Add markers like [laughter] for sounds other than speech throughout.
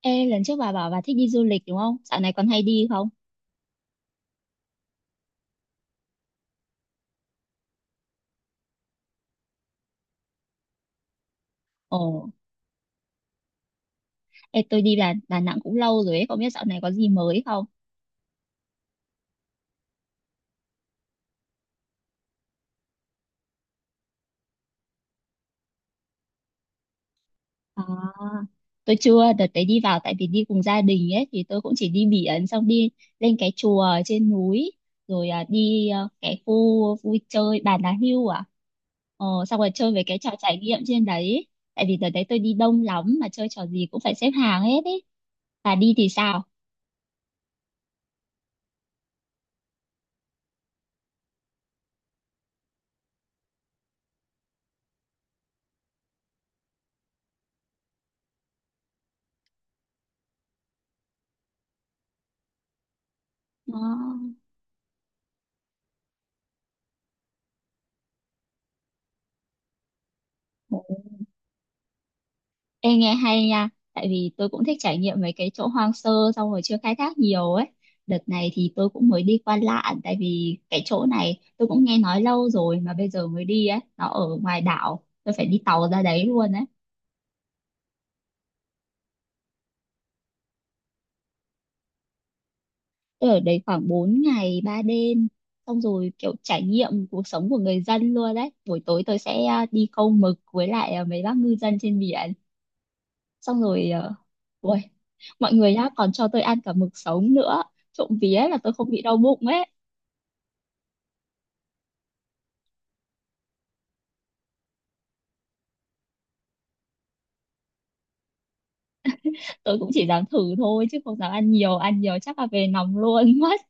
Ê, lần trước bà bảo bà thích đi du lịch đúng không? Dạo này còn hay đi không? Ồ, ê, tôi đi Đà Nẵng cũng lâu rồi ấy, không biết dạo này có gì mới không? À, tôi chưa, đợt đấy đi vào tại vì đi cùng gia đình ấy, thì tôi cũng chỉ đi biển, xong đi lên cái chùa ở trên núi, rồi đi cái khu vui chơi Bà Nà Hưu à? Ờ, xong rồi chơi về cái trò trải nghiệm trên đấy. Tại vì đợt đấy tôi đi đông lắm mà chơi trò gì cũng phải xếp hàng hết ấy. Bà đi thì sao? Ờ. Ê nghe hay nha, tại vì tôi cũng thích trải nghiệm mấy cái chỗ hoang sơ xong rồi chưa khai thác nhiều ấy. Đợt này thì tôi cũng mới đi qua Lạn tại vì cái chỗ này tôi cũng nghe nói lâu rồi mà bây giờ mới đi ấy, nó ở ngoài đảo, tôi phải đi tàu ra đấy luôn ấy. Tôi ở đấy khoảng 4 ngày 3 đêm, xong rồi kiểu trải nghiệm cuộc sống của người dân luôn đấy. Buổi tối tôi sẽ đi câu mực với lại mấy bác ngư dân trên biển. Xong rồi ui, mọi người đã còn cho tôi ăn cả mực sống nữa. Trộm vía là tôi không bị đau bụng ấy. Tôi cũng chỉ dám thử thôi chứ không dám ăn nhiều, ăn nhiều chắc là về nóng luôn [laughs] mất.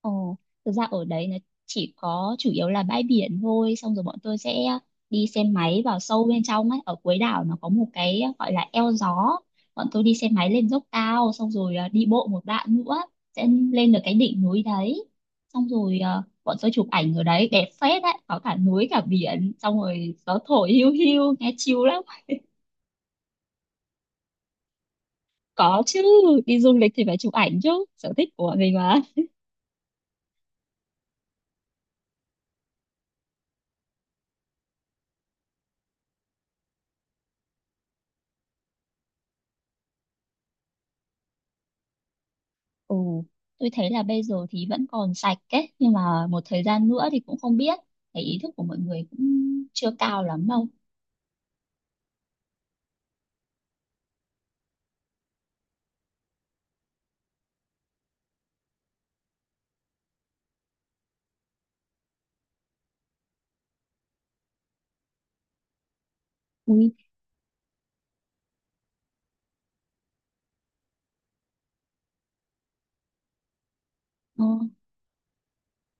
Ồ, thực ra ở đấy nó chỉ có chủ yếu là bãi biển thôi, xong rồi bọn tôi sẽ đi xe máy vào sâu bên trong ấy, ở cuối đảo nó có một cái gọi là eo gió. Bọn tôi đi xe máy lên dốc cao xong rồi đi bộ một đoạn nữa sẽ lên được cái đỉnh núi đấy. Xong rồi bọn tôi chụp ảnh ở đấy đẹp phết đấy, có cả núi cả biển, xong rồi gió thổi hiu hiu nghe chill lắm. Có chứ, đi du lịch thì phải chụp ảnh chứ, sở thích của mình mà. Ừ, tôi thấy là bây giờ thì vẫn còn sạch ấy, nhưng mà một thời gian nữa thì cũng không biết. Thấy ý thức của mọi người cũng chưa cao lắm đâu. Ui, ờ,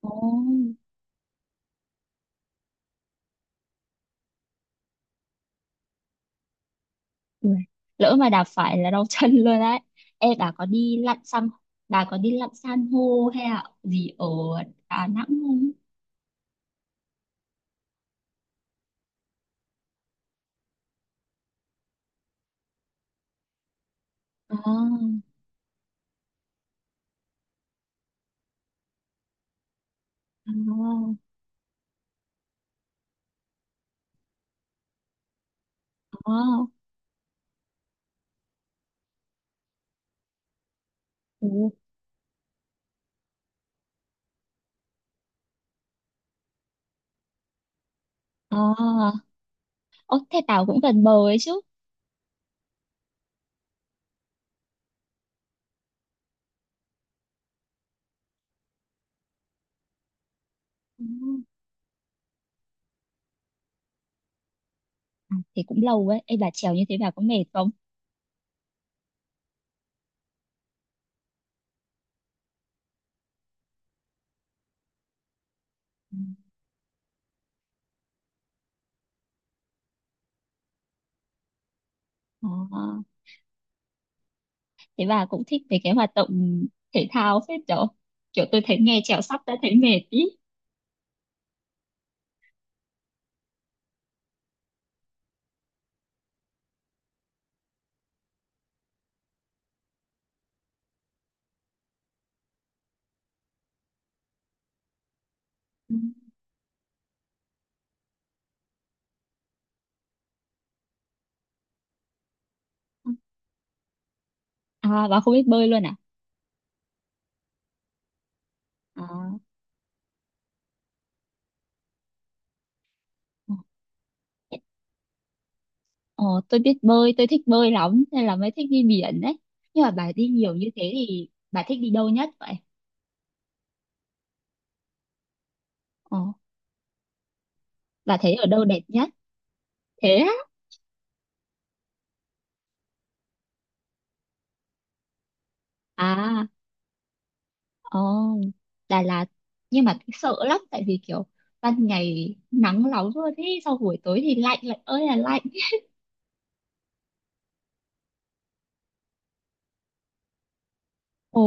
ờ, ui. Lỡ mà đạp phải là đau [laughs] chân luôn đấy. Ê, bà có đi lặn san, Bà có đi lặn san hô hay là gì ở Đà Nẵng không? À, à, à, ừ, à. Ồ, thế Tảo cũng gần bờ ấy chứ. Ừ. À, thế cũng lâu ấy. Ê, bà trèo như thế bà có mệt không? Ừ. Ờ, thế bà cũng thích về cái hoạt động thể thao phết đó. Kiểu tôi thấy nghe trèo sắp đã thấy mệt ý. Ừ. À, bà không biết bơi luôn à? À, ờ, tôi biết bơi, tôi thích bơi lắm nên là mới thích đi biển đấy. Nhưng mà bà đi nhiều như thế thì bà thích đi đâu nhất vậy? Ờ, bà thấy ở đâu đẹp nhất? Thế á? À, ồ, Đà Lạt nhưng mà sợ lắm tại vì kiểu ban ngày nắng nóng luôn ý, sau buổi tối thì lạnh, lạnh ơi là lạnh. Ồ,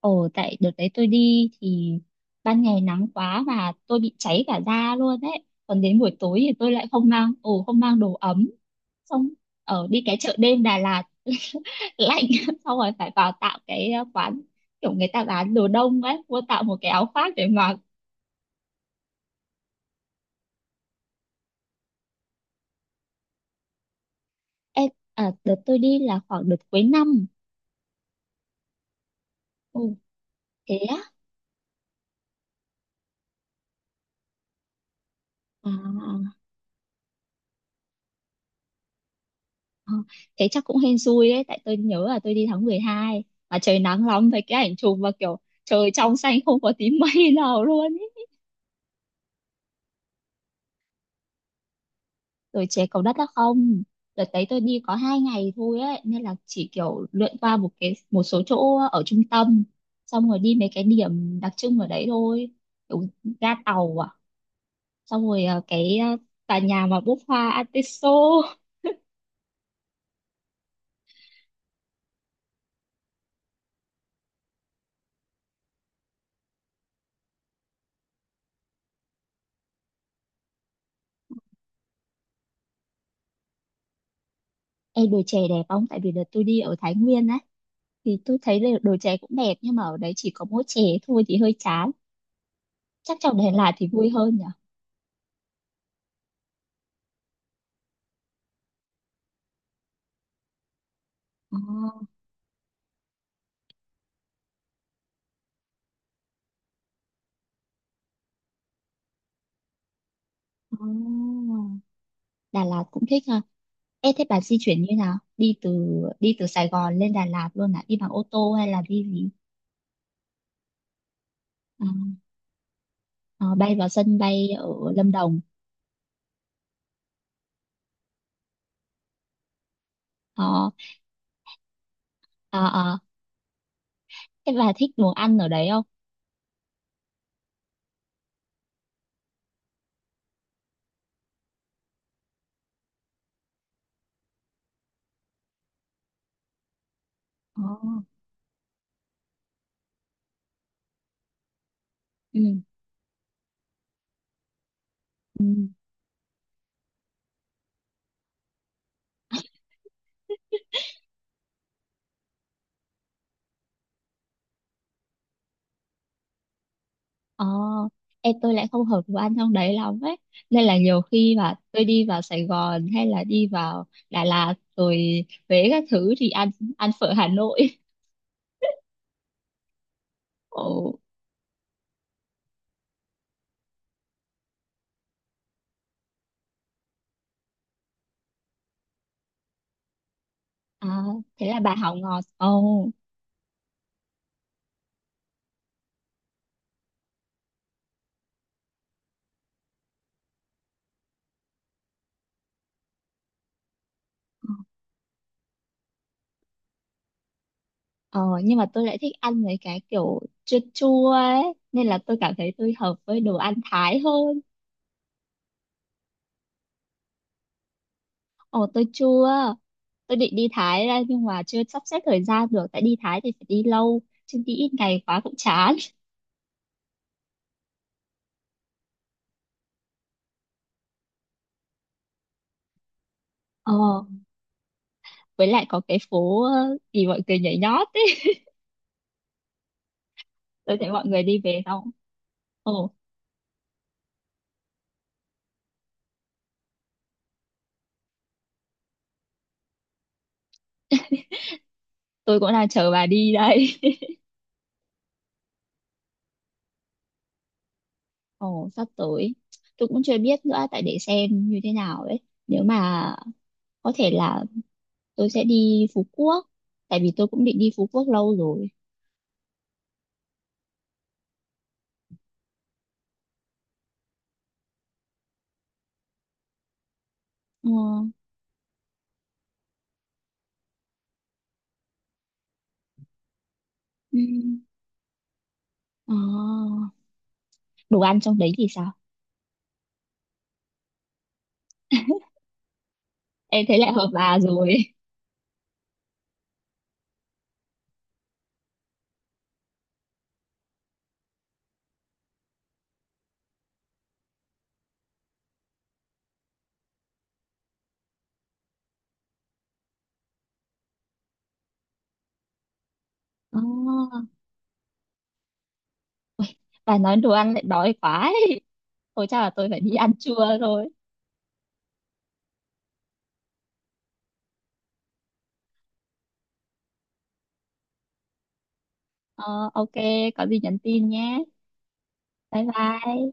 ồ, tại đợt đấy tôi đi thì ban ngày nắng quá và tôi bị cháy cả da luôn đấy, còn đến buổi tối thì tôi lại không mang đồ ấm. Xong ở đi cái chợ đêm Đà Lạt [laughs] lạnh, xong rồi phải vào tạo cái quán kiểu người ta bán đồ đông ấy, mua tạo một cái áo khoác để mặc. Ê, à, đợt tôi đi là khoảng đợt cuối năm. Ồ, thế á. Ờ, ờ, ờ. Thế chắc cũng hên xui đấy, tại tôi nhớ là tôi đi tháng 12 mà trời nắng lắm, với cái ảnh chụp và kiểu trời trong xanh không có tí [laughs] mây nào luôn ấy. Rồi chế cầu đất á? Không, đợt đấy tôi đi có 2 ngày thôi ấy, nên là chỉ kiểu lượn qua một cái một số chỗ ở trung tâm, xong rồi đi mấy cái điểm đặc trưng ở đấy thôi, kiểu ga tàu à, xong rồi cái tòa nhà mà búp hoa artiso. Ê, đồi chè đẹp không? Tại vì đợt tôi đi ở Thái Nguyên á thì tôi thấy là đồ chè cũng đẹp nhưng mà ở đấy chỉ có mỗi chè thôi thì hơi chán, chắc trong Đà Lạt thì vui hơn nhỉ. Ờ, ờ. Đà Lạt cũng thích ha. Ê, thế bà di chuyển như nào? Đi từ Sài Gòn lên Đà Lạt luôn à? Đi bằng ô tô hay là đi gì? Ờ, ờ, bay vào sân bay ở Lâm Đồng. Ờ, ờ, ờ. Thế bà thích đồ ăn ở đấy không? Ờ, ừ. Ờ, em tôi lại không hợp với anh trong đấy lắm ấy. Nên là nhiều khi mà tôi đi vào Sài Gòn hay là đi vào Đà Lạt rồi Huế các thứ thì ăn ăn phở Hà Nội. Ồ, à, thế là bà hảo ngọt. Ồ, ờ, nhưng mà tôi lại thích ăn mấy cái kiểu chua chua ấy. Nên là tôi cảm thấy tôi hợp với đồ ăn Thái hơn. Ồ, tôi chua. Tôi định đi Thái ra nhưng mà chưa sắp xếp thời gian được. Tại đi Thái thì phải đi lâu. Chứ đi ít ngày quá cũng chán. Ờ, với lại có cái phố gì mọi người nhảy nhót ấy, tôi thấy mọi người đi về xong. Ồ, tôi cũng đang chờ bà đi đây. [laughs] Ồ, sắp tới tôi cũng chưa biết nữa, tại để xem như thế nào ấy, nếu mà có thể là tôi sẽ đi Phú Quốc tại vì tôi cũng định đi Phú Quốc lâu rồi. Ờ, ừm, ờ, đồ ăn trong đấy thì sao? [laughs] Em thấy lại hợp bà rồi. Ờ, bà nói đồ ăn lại đói quá ấy. Thôi chắc là tôi phải đi ăn trưa rồi. Ờ, ok, có gì nhắn tin nhé. Bye bye.